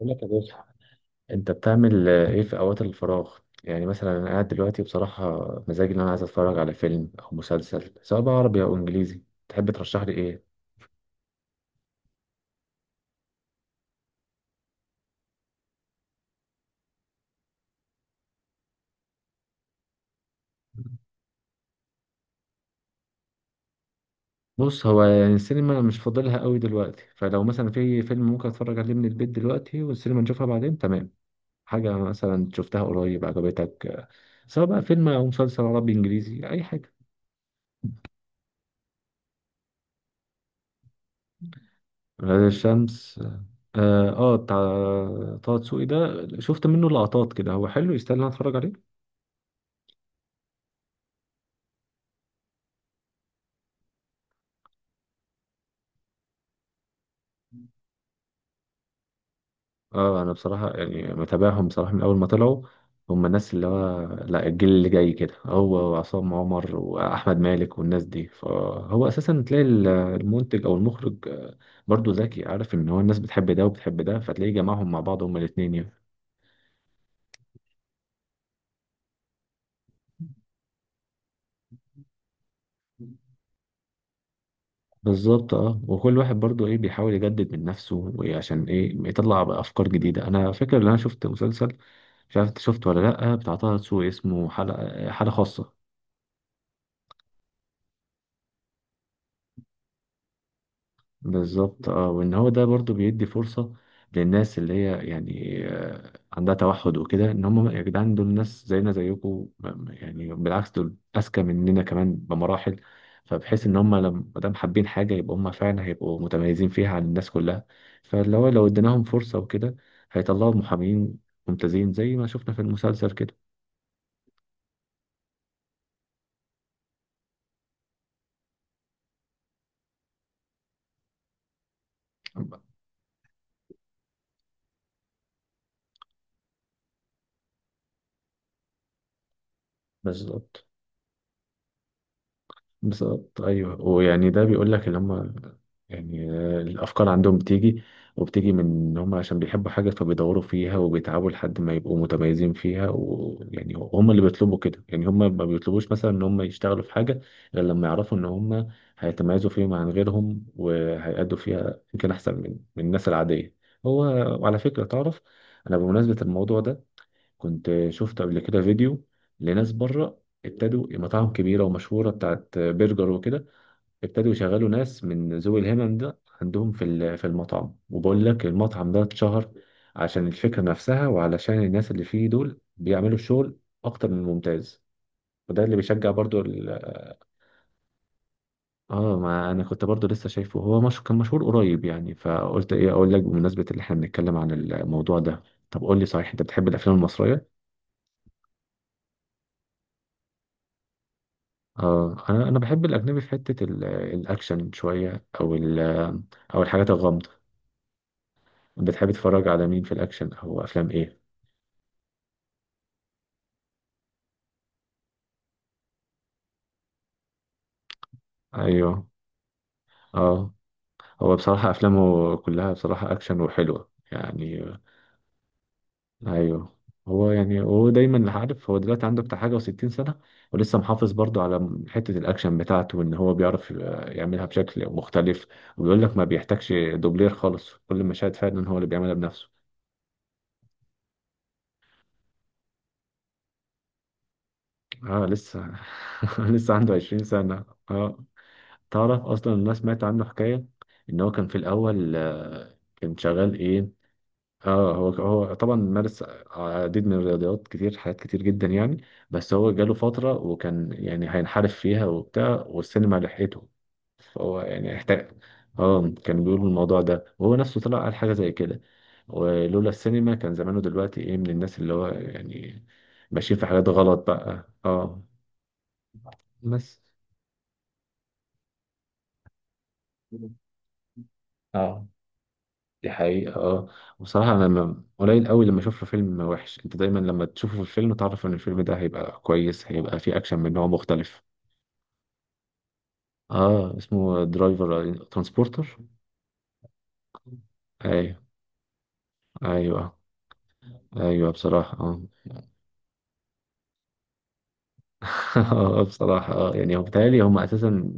بقول لك يا باشا. انت بتعمل ايه في اوقات الفراغ؟ يعني مثلا انا قاعد دلوقتي بصراحه مزاجي ان انا عايز اتفرج على فيلم او مسلسل سواء بقى عربي او انجليزي. تحب ترشح لي ايه؟ بص، هو يعني السينما أنا مش فاضلها قوي دلوقتي، فلو مثلا في فيلم ممكن اتفرج عليه من البيت دلوقتي والسينما نشوفها بعدين. تمام. حاجه مثلا شفتها قريب عجبتك؟ سواء بقى فيلم او مسلسل عربي انجليزي اي حاجه. غير الشمس. اه بتاع طه دسوقي ده، شفت منه لقطات كده، هو حلو، يستاهل ان أنا اتفرج عليه. اه انا بصراحه يعني متابعهم بصراحه من اول ما طلعوا، هم الناس اللي هو لا الجيل اللي جاي كده، هو وعصام عمر واحمد مالك والناس دي. فهو اساسا تلاقي المنتج او المخرج برضو ذكي، عارف ان هو الناس بتحب ده وبتحب ده فتلاقيه جمعهم مع بعض هما الاتنين يعني. بالظبط، اه، وكل واحد برضو ايه بيحاول يجدد من نفسه وإيه عشان ايه يطلع بقى افكار جديده. انا فاكر ان انا شفت مسلسل، مش عارف انت شفته ولا لا، بتاع طه دسوقي، اسمه حلقه حاله خاصه. بالظبط، اه، وان هو ده برضو بيدي فرصة للناس اللي هي يعني عندها توحد وكده، ان هم يا جدعان دول ناس زينا زيكم، يعني بالعكس دول اذكى مننا كمان بمراحل. فبحيث ان هم لما دام حابين حاجة يبقى هم فعلا هيبقوا متميزين فيها عن الناس كلها. فاللي هو لو اديناهم فرصة وكده هيطلعوا محامين ممتازين زي ما شفنا في المسلسل كده. بالظبط. بالظبط، ايوه. ويعني ده بيقول لك اللي هم يعني الافكار عندهم بتيجي، وبتيجي من ان هم عشان بيحبوا حاجه فبيدوروا فيها وبيتعبوا لحد ما يبقوا متميزين فيها، ويعني هم اللي بيطلبوا كده، يعني هم ما بيطلبوش مثلا ان هم يشتغلوا في حاجه غير لما يعرفوا ان هم هيتميزوا فيما عن غيرهم وهيأدوا فيها يمكن احسن من الناس العاديه. هو. وعلى فكره، تعرف، انا بمناسبه الموضوع ده كنت شفت قبل كده فيديو لناس بره ابتدوا مطاعم كبيرة ومشهورة بتاعت برجر وكده، ابتدوا يشغلوا ناس من ذوي الهمم ده عندهم في في المطعم، وبقول لك المطعم ده اتشهر عشان الفكرة نفسها، وعلشان الناس اللي فيه دول بيعملوا الشغل أكتر من ممتاز، وده اللي بيشجع برضو ال... اه ما انا كنت برضو لسه شايفه، هو مش... كان مشهور قريب يعني، فقلت ايه اقول لك بمناسبة اللي احنا بنتكلم عن الموضوع ده. طب قول لي صحيح، انت بتحب الافلام المصرية؟ اه انا بحب الاجنبي في حته الاكشن شويه او ال- او الحاجات الغامضه. بتحب تتفرج على مين في الاكشن او افلام ايه؟ ايوه. اه هو بصراحه افلامه كلها بصراحه اكشن وحلوه يعني. ايوه. هو يعني هو دايما عارف، هو دلوقتي عنده بتاع حاجه و60 سنه ولسه محافظ برضه على حته الاكشن بتاعته، وان هو بيعرف يعملها بشكل مختلف، وبيقول لك ما بيحتاجش دوبلير خالص، كل المشاهد فعلا هو اللي بيعملها بنفسه. اه لسه. لسه عنده 20 سنة. اه. تعرف اصلا الناس سمعت عنه حكاية ان هو كان في الاول كان شغال ايه. اه هو طبعا مارس عديد من الرياضيات، كتير حاجات كتير جدا يعني. بس هو جاله فترة وكان يعني هينحرف فيها وبتاع، والسينما لحقته، فهو يعني احتاج. اه كان بيقول الموضوع ده، وهو نفسه طلع قال حاجة زي كده، ولولا السينما كان زمانه دلوقتي ايه من الناس اللي هو يعني ماشيين في حاجات غلط بقى. اه. بس. اه، دي حقيقة. اه بصراحة أنا قليل قوي لما أشوف له فيلم وحش. أنت دايما لما تشوفه في الفيلم تعرف إن الفيلم ده هيبقى كويس، هيبقى فيه أكشن من نوع مختلف. اه اسمه درايفر، ترانسبورتر. أيوه. أيوه. أيوه بصراحة. اه. بصراحة يعني هو بيتهيألي هم أساسا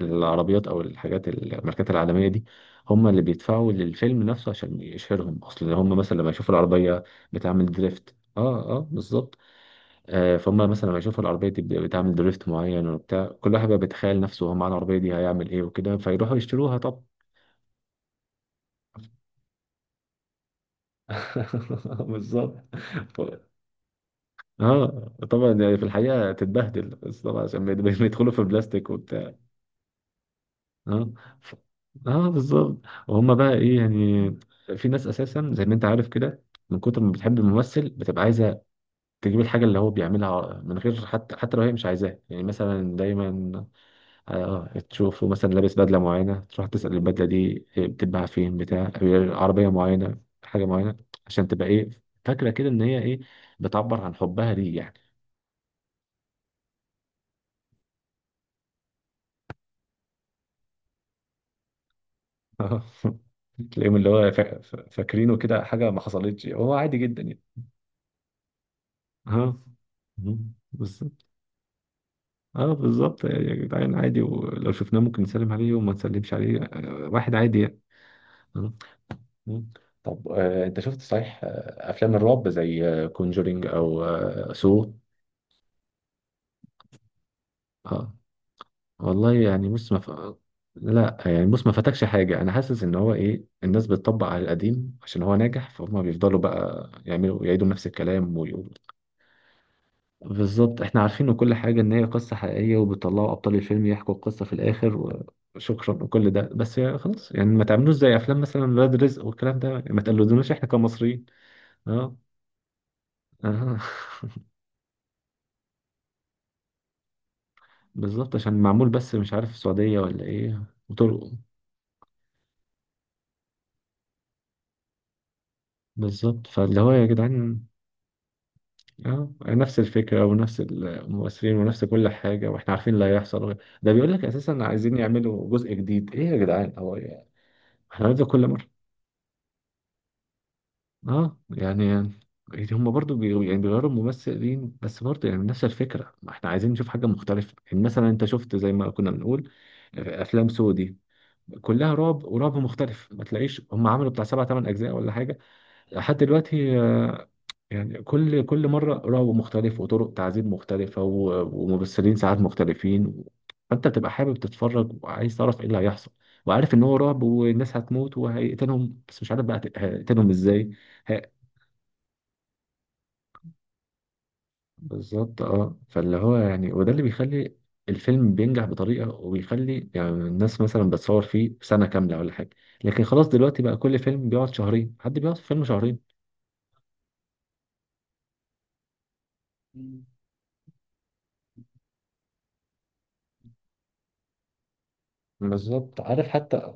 العربيات أو الحاجات الماركات العالمية دي هم اللي بيدفعوا للفيلم نفسه عشان يشهرهم، أصل هم مثلا لما يشوفوا العربية بتعمل دريفت. اه اه بالظبط. آه، فهم مثلا لما يشوفوا العربية دي بتعمل دريفت معين وبتاع، كل واحد بقى بيتخيل نفسه هو معاه العربية دي هيعمل ايه وكده، فيروحوا يشتروها. طب. بالظبط. ف- اه طبعا، يعني في الحقيقة تتبهدل، بس طبعا عشان بيدخلوا في بلاستيك. اه. ف... اه بالظبط. وهم بقى ايه يعني، في ناس اساسا زي ما انت عارف كده، من كتر ما بتحب الممثل بتبقى عايزه تجيب الحاجه اللي هو بيعملها من غير حتى لو هي مش عايزاها يعني. مثلا دايما، اه، تشوفه مثلا لابس بدله معينه تروح تسال البدله دي بتتباع فين، بتاع عربيه معينه، حاجه معينه، عشان تبقى ايه فاكره كده ان هي ايه بتعبر عن حبها ليه يعني. تلاقيهم اللي هو فاكرينه كده حاجه ما حصلتش، هو عادي جدا. ها. بالظبط. اه بالظبط يا جدعان عادي، ولو شفناه ممكن نسلم عليه وما نسلمش عليه، واحد عادي يعني. آه. مم. طب انت شفت صحيح افلام الرعب زي كونجورينج او سو؟ اه والله يعني بص ما ف... لا يعني بص ما فاتكش حاجة، أنا حاسس إن هو إيه الناس بتطبق على القديم عشان هو ناجح، فهم بيفضلوا بقى يعملوا يعيدوا نفس الكلام. بالظبط، احنا عارفين وكل حاجة ان هي قصة حقيقية، وبيطلعوا ابطال الفيلم يحكوا القصة في الاخر وشكرا وكل ده، بس يا خلاص يعني ما تعملوش زي افلام مثلا ولاد رزق والكلام ده، يعني ما تقلدوناش احنا كمصريين. اه. اه. بالظبط، عشان معمول بس مش عارف السعودية ولا ايه. وطرقه. بالظبط، فاللي هو يا جدعان اه نفس الفكرة ونفس الممثلين ونفس كل حاجة، واحنا عارفين اللي هيحصل. ده بيقول لك اساسا عايزين يعملوا جزء جديد. ايه يا جدعان، هو احنا هنفضل كل مرة؟ اه يعني، يعني هم برضو يعني بيغيروا الممثلين بس برضو يعني نفس الفكرة، ما احنا عايزين نشوف حاجة مختلفة. يعني مثلا انت شفت زي ما كنا بنقول افلام سودي كلها رعب، ورعب مختلف، ما تلاقيش هم عملوا بتاع سبع ثمان اجزاء ولا حاجة لحد دلوقتي، يعني كل مرة رعب مختلف وطرق تعذيب مختلفة و- وممثلين ساعات مختلفين، فانت بتبقى حابب تتفرج وعايز تعرف ايه اللي هيحصل، وعارف ان هو رعب والناس هتموت وهيقتلهم، بس مش عارف بقى هيقتلهم ازاي. بالظبط، اه، فاللي هو يعني وده اللي بيخلي الفيلم بينجح بطريقة، وبيخلي يعني الناس مثلا بتصور فيه سنة كاملة ولا حاجة، لكن خلاص دلوقتي بقى كل فيلم بيقعد شهرين، حد بيقعد في فيلم شهرين؟ مم. بالظبط. عارف حتى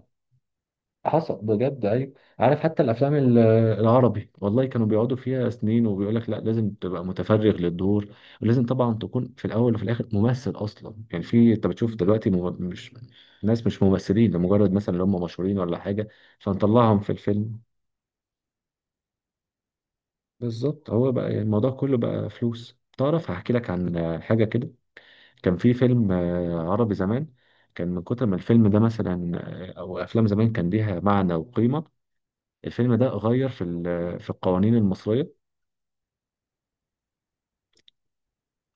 حصل بجد، ايوه. عارف حتى الافلام العربي والله كانوا بيقعدوا فيها سنين، وبيقول لك لا لازم تبقى متفرغ للدور، ولازم طبعا تكون في الاول وفي الاخر ممثل اصلا يعني. في انت بتشوف دلوقتي مش ناس، مش ممثلين، لمجرد مثلا اللي هم مشهورين ولا حاجه فنطلعهم في الفيلم. بالظبط، هو بقى الموضوع كله بقى فلوس. تعرف هحكي لك عن حاجه كده، كان في فيلم عربي زمان، كان من كتر ما الفيلم ده مثلا او افلام زمان كان ليها معنى وقيمه، الفيلم ده غير في في القوانين المصرية.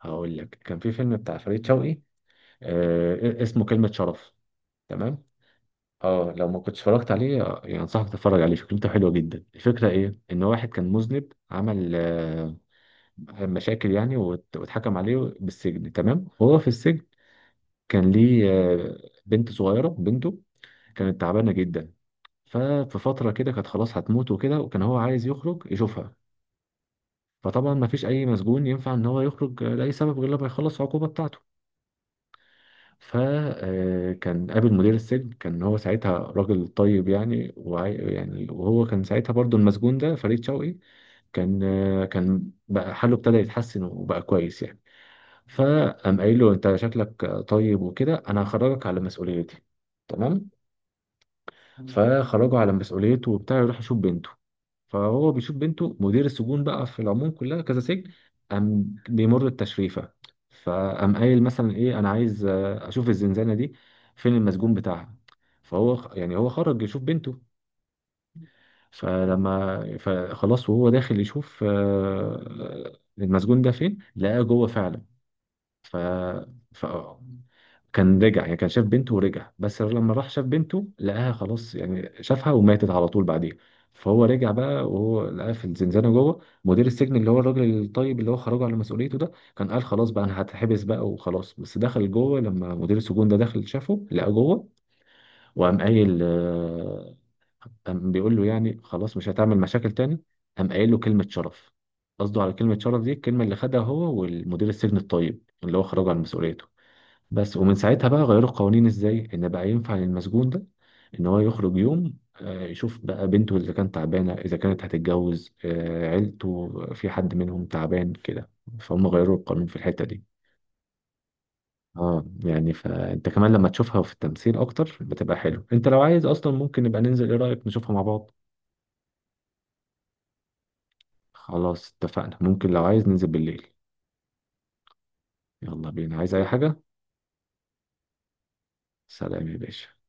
هقول لك، كان في فيلم بتاع فريد شوقي اسمه كلمة شرف. تمام. اه لو ما كنتش اتفرجت عليه يعني انصحك تتفرج عليه، فكرته حلوة جدا. الفكرة ايه، ان واحد كان مذنب، عمل مشاكل يعني واتحكم عليه بالسجن. تمام. وهو في السجن كان ليه بنت صغيرة، بنته كانت تعبانة جدا، ففي فترة كده كانت خلاص هتموت وكده، وكان هو عايز يخرج يشوفها. فطبعا ما فيش اي مسجون ينفع ان هو يخرج لاي سبب غير لما يخلص العقوبه بتاعته. فكان قابل مدير السجن، كان هو ساعتها راجل طيب يعني وعي يعني، وهو كان ساعتها برضو المسجون ده فريد شوقي كان كان بقى حاله ابتدى يتحسن وبقى كويس يعني. فقام قايل له انت شكلك طيب وكده، انا هخرجك على مسؤوليتي. تمام. فخرجه على مسؤوليته وبتاع يروح يشوف بنته. فهو بيشوف بنته، مدير السجون بقى في العموم كلها كذا سجن، قام بيمر التشريفة. فقام قايل مثلا ايه انا عايز اشوف الزنزانة دي، فين المسجون بتاعها. فهو يعني هو خرج يشوف بنته، فلما فخلاص وهو داخل يشوف المسجون ده فين، لقاه جوه فعلا. ف... ف كان رجع، يعني كان شاف بنته ورجع، بس لما راح شاف بنته لقاها خلاص يعني، شافها وماتت على طول بعديها. فهو رجع بقى وهو لقاها في الزنزانة جوه، مدير السجن اللي هو الراجل الطيب اللي هو خرجه على مسؤوليته ده كان قال خلاص بقى انا هتحبس بقى وخلاص، بس دخل جوه، لما مدير السجون ده دخل شافه لقاه جوه. وقام قايل قام بيقول له يعني خلاص مش هتعمل مشاكل تاني. قام قايل له كلمة شرف. قصده على كلمة شرف دي الكلمة اللي خدها هو والمدير السجن الطيب اللي هو خرجه على مسؤوليته. بس ومن ساعتها بقى غيروا القوانين ازاي ان بقى ينفع للمسجون ده ان هو يخرج يوم يشوف بقى بنته اذا كانت تعبانه، اذا كانت هتتجوز، عيلته في حد منهم تعبان كده، فهم غيروا القانون في الحته دي. اه يعني فانت كمان لما تشوفها في التمثيل اكتر بتبقى حلو. انت لو عايز اصلا ممكن نبقى ننزل، ايه رايك نشوفها مع بعض؟ خلاص، اتفقنا. ممكن لو عايز ننزل بالليل. يلا بينا. عايز اي حاجه؟ سلام يا باشا.